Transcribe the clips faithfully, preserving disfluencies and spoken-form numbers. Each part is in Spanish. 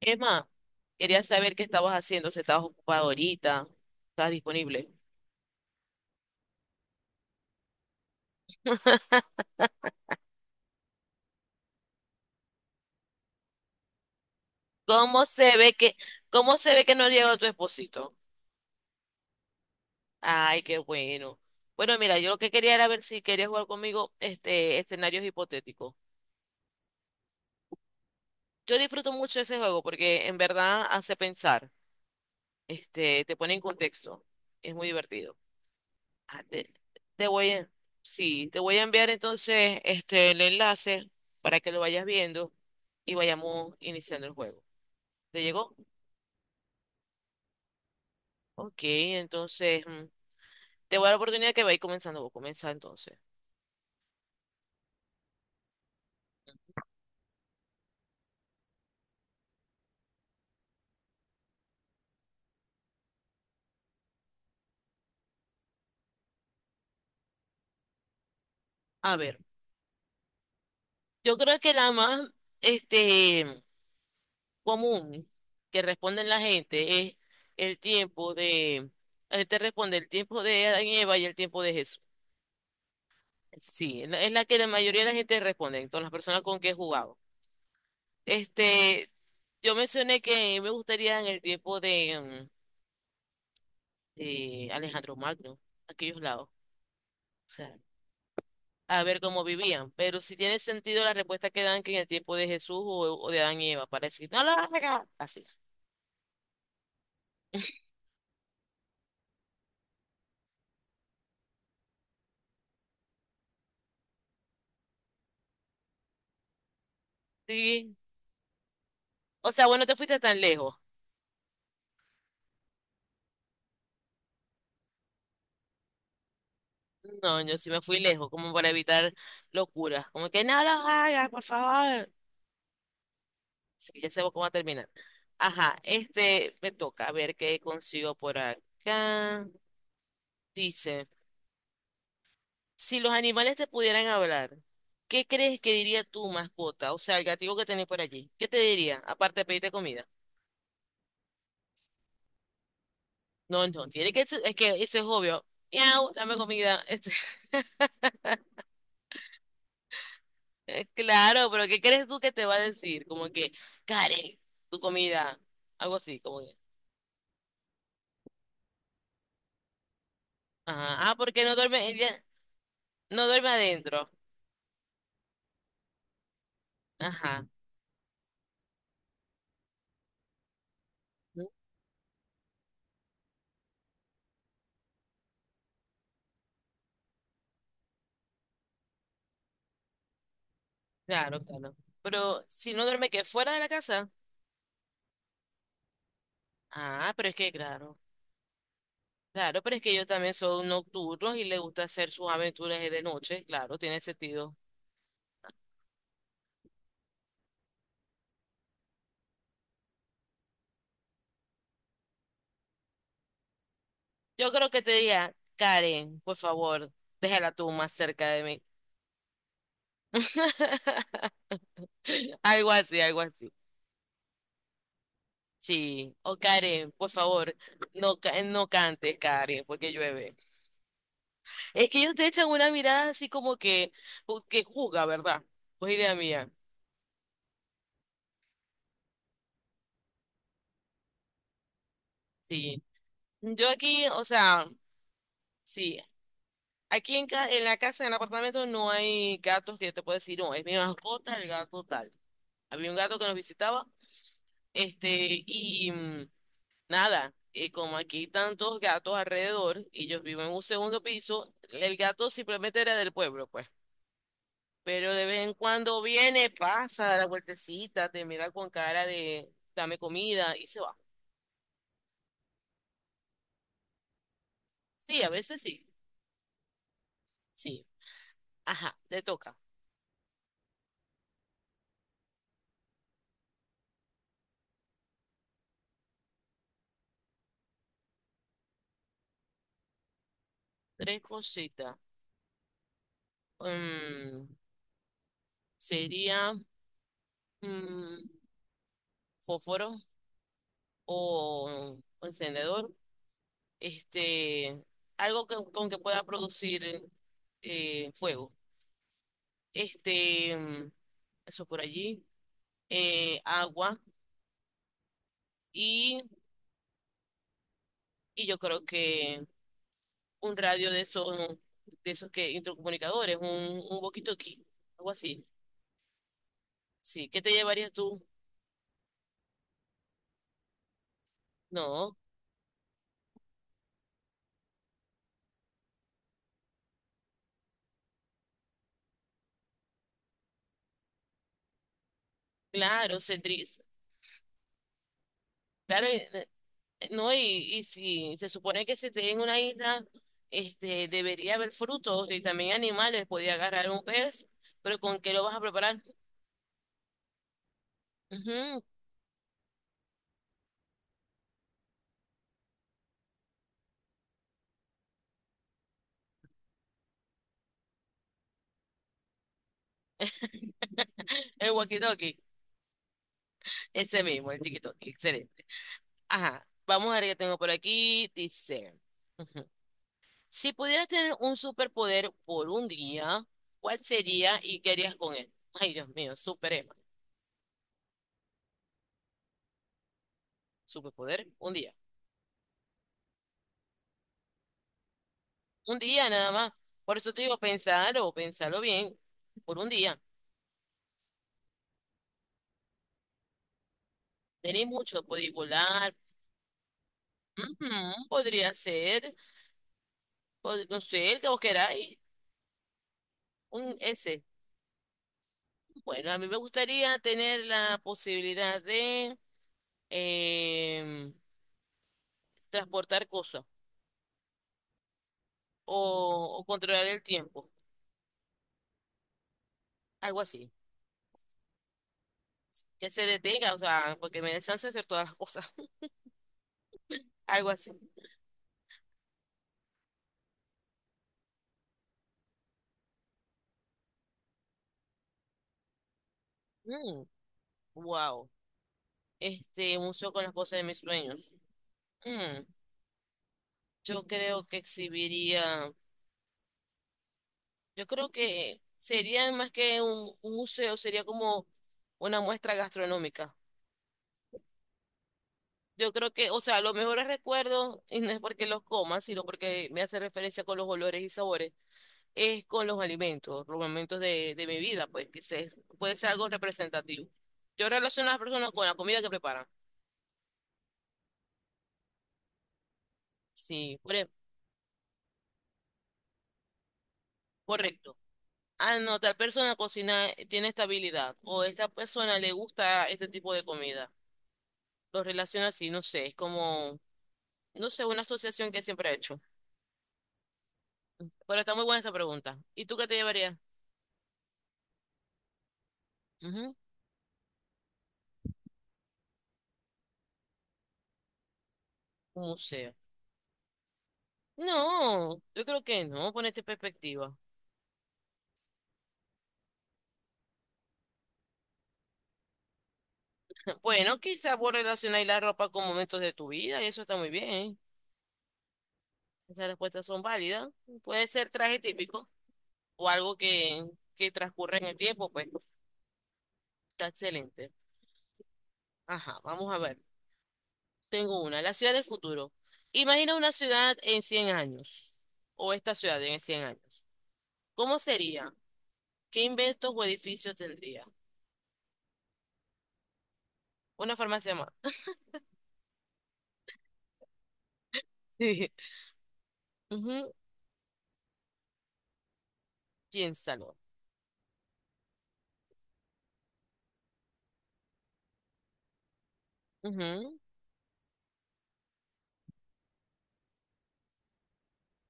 Emma, quería saber qué estabas haciendo, si estabas ocupada ahorita, estás disponible. ¿Cómo se ve que, cómo se ve que no llegó tu esposito? Ay, qué bueno. Bueno, mira, yo lo que quería era ver si querías jugar conmigo este escenarios hipotéticos. Yo disfruto mucho ese juego porque en verdad hace pensar, este, te pone en contexto. Es muy divertido. Ah, te, te voy a, sí, te voy a enviar entonces este el enlace para que lo vayas viendo y vayamos iniciando el juego. ¿Te llegó? Ok, entonces mm, te voy a dar la oportunidad que vais comenzando. Voy a comenzar entonces. A ver, yo creo que la más este, común que responden la gente es el tiempo de. La gente responde el tiempo de Adán y Eva y el tiempo de Jesús. Sí, es la es la que la mayoría de la gente responde, entonces las personas con que he jugado. Este, yo mencioné que me gustaría en el tiempo de, mm, de Alejandro Magno, aquellos lados. O sea, a ver cómo vivían. Pero si tiene sentido la respuesta que dan, que en el tiempo de Jesús o, o de Adán y Eva, para decir, no lo hagas, así. Sí. O sea, bueno, te fuiste tan lejos. No, yo sí me fui lejos, como para evitar locuras. Como que no lo hagas, por favor. Sí, ya sabemos cómo va a terminar. Ajá, este me toca, a ver qué consigo por acá. Dice, si los animales te pudieran hablar, ¿qué crees que diría tu mascota? O sea, el gatito que tenés por allí. ¿Qué te diría? Aparte de pedirte comida. No, no, tiene que, su- es que eso es obvio. Miau, dame comida. Este, eh, claro, pero ¿qué crees tú que te va a decir? Como que, Karen, tu comida. Algo así, como que. Ajá. Ah, porque no duerme, ella no duerme adentro. Ajá. ¿No? Claro, claro. Pero si no duerme qué fuera de la casa. Ah, pero es que, claro. Claro, pero es que ellos también son nocturnos y les gusta hacer sus aventuras de noche. Claro, tiene sentido. Yo creo que te diría, Karen, por favor, déjala tú más cerca de mí. Algo así, algo así. Sí. O Karen, por favor, no, ca- no cantes, Karen, porque llueve. Es que ellos te echan una mirada así como que, ju- que juzga, ¿verdad? Pues idea mía. Sí. Yo aquí, o sea, sí. Aquí en, ca- en la casa, en el apartamento, no hay gatos que yo te pueda decir, no, es mi mascota, el gato tal. Había un gato que nos visitaba, este, y, Nada, y como aquí hay tantos gatos alrededor y yo vivo en un segundo piso, el gato simplemente era del pueblo, pues. Pero de vez en cuando viene, pasa, da la vueltecita, te mira con cara de dame comida y se va. Sí, a veces sí. Sí. Ajá, te toca. Tres cositas. Mm, sería mm, fósforo o encendedor. Este, algo que- con que pueda producir eh, fuego. este, mm, eso por allí, eh, agua y, y yo creo que un radio de esos, de esos que intercomunicadores, un, un walkie-talkie, algo así. Sí, ¿qué te llevarías tú? No, claro, Cedric, claro, eh, eh, eh, no, y, y si se supone que se te en una isla, este, debería haber frutos y también animales, podía agarrar un pez, pero ¿con qué lo vas a preparar? Ujú. El walkie-talkie, ese mismo, el tiki-talkie, excelente. Ajá, vamos a ver qué tengo por aquí. Dice, ujú, si pudieras tener un superpoder por un día, ¿cuál sería y qué harías con él? Ay, Dios mío, super Emma. Superpoder, un día. Un día nada más. Por eso te digo, pensarlo, pensarlo bien, por un día. Tenéis mucho, podéis volar, ujú, podría ser, pod- no sé, el que vos queráis, un ese. Bueno, a mí me gustaría tener la posibilidad de em, transportar cosas. o, o controlar el tiempo, algo así. Que se detenga, o sea, porque me den chance de hacer todas las cosas, algo así. Mm, wow. Este un museo con las cosas de mis sueños. Mm, yo creo que exhibiría, yo creo que sería más que un, un museo, sería como una muestra gastronómica. Yo creo que, o sea, los mejores recuerdos, y no es porque los coma, sino porque me hace referencia con los olores y sabores, es con los alimentos, los momentos de, de mi vida, pues que se, puede ser algo representativo. Yo relaciono a las personas con la comida que preparan. Sí, por ej- correcto. Ah, no, tal persona cocina, eh, tiene esta habilidad, o esta persona le gusta este tipo de comida. Lo relaciona así, no sé, es como, no sé, una asociación que siempre he hecho. Pero está muy buena esa pregunta. ¿Y tú qué te llevarías? Ujú. Un museo. No, yo creo que no, ponerte en perspectiva. Bueno, quizás vos relacionáis la ropa con momentos de tu vida y eso está muy bien. Esas respuestas son válidas. Puede ser traje típico o algo que, que transcurre en el tiempo, pues está excelente. Ajá, vamos a ver. Tengo una, la ciudad del futuro. Imagina una ciudad en cien años o esta ciudad en cien años. ¿Cómo sería? ¿Qué inventos o edificios tendría? Una farmacia más. Sí. Ujú. Piénsalo. Ujú.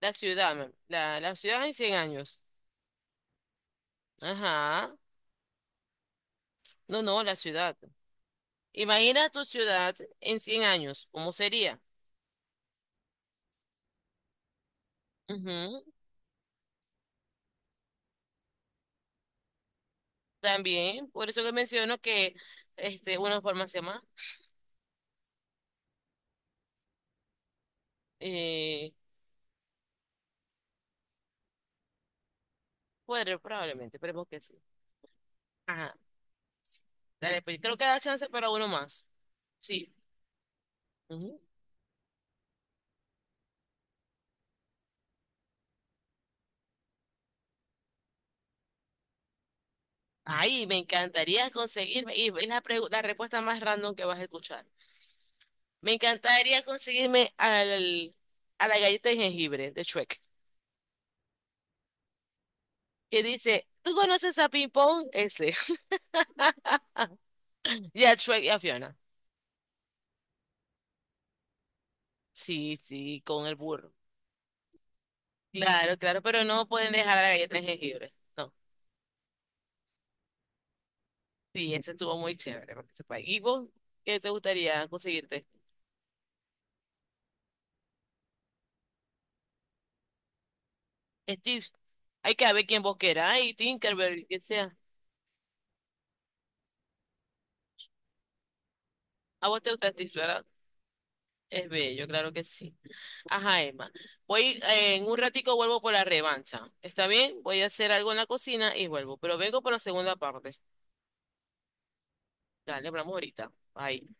La ciudad, ma'am. la, la ciudad en cien años. Ajá. No, no, la ciudad. Imagina tu ciudad en cien años, ¿cómo sería? Ujú. También, por eso que menciono que este, una forma más llama, eh, podre, probablemente, esperemos que sí. Ajá, dale, pues creo que da chance para uno más. Sí. Ujú. Ay, me encantaría conseguirme, y es la, pregu- la respuesta más random que vas a escuchar. Me encantaría conseguirme al, a la galleta de jengibre de Shrek, que dice, ¿tú conoces a Ping Pong? Ese. Y a Shrek y a Fiona. Sí, sí, con el burro. Claro, claro, pero no pueden dejar la galleta de jengibre. No. Sí, ese estuvo muy chévere para que sepa. ¿Y vos qué te gustaría conseguirte? Stitch. Hay que ver quién vos queráis, Tinkerbell, que sea. A vos te gusta Stitch, ¿verdad? Es bello, claro que sí. Ajá, Emma. Voy, eh, en un ratico vuelvo por la revancha. ¿Está bien? Voy a hacer algo en la cocina y vuelvo. Pero vengo por la segunda parte. Dale, hablamos ahorita. Bye.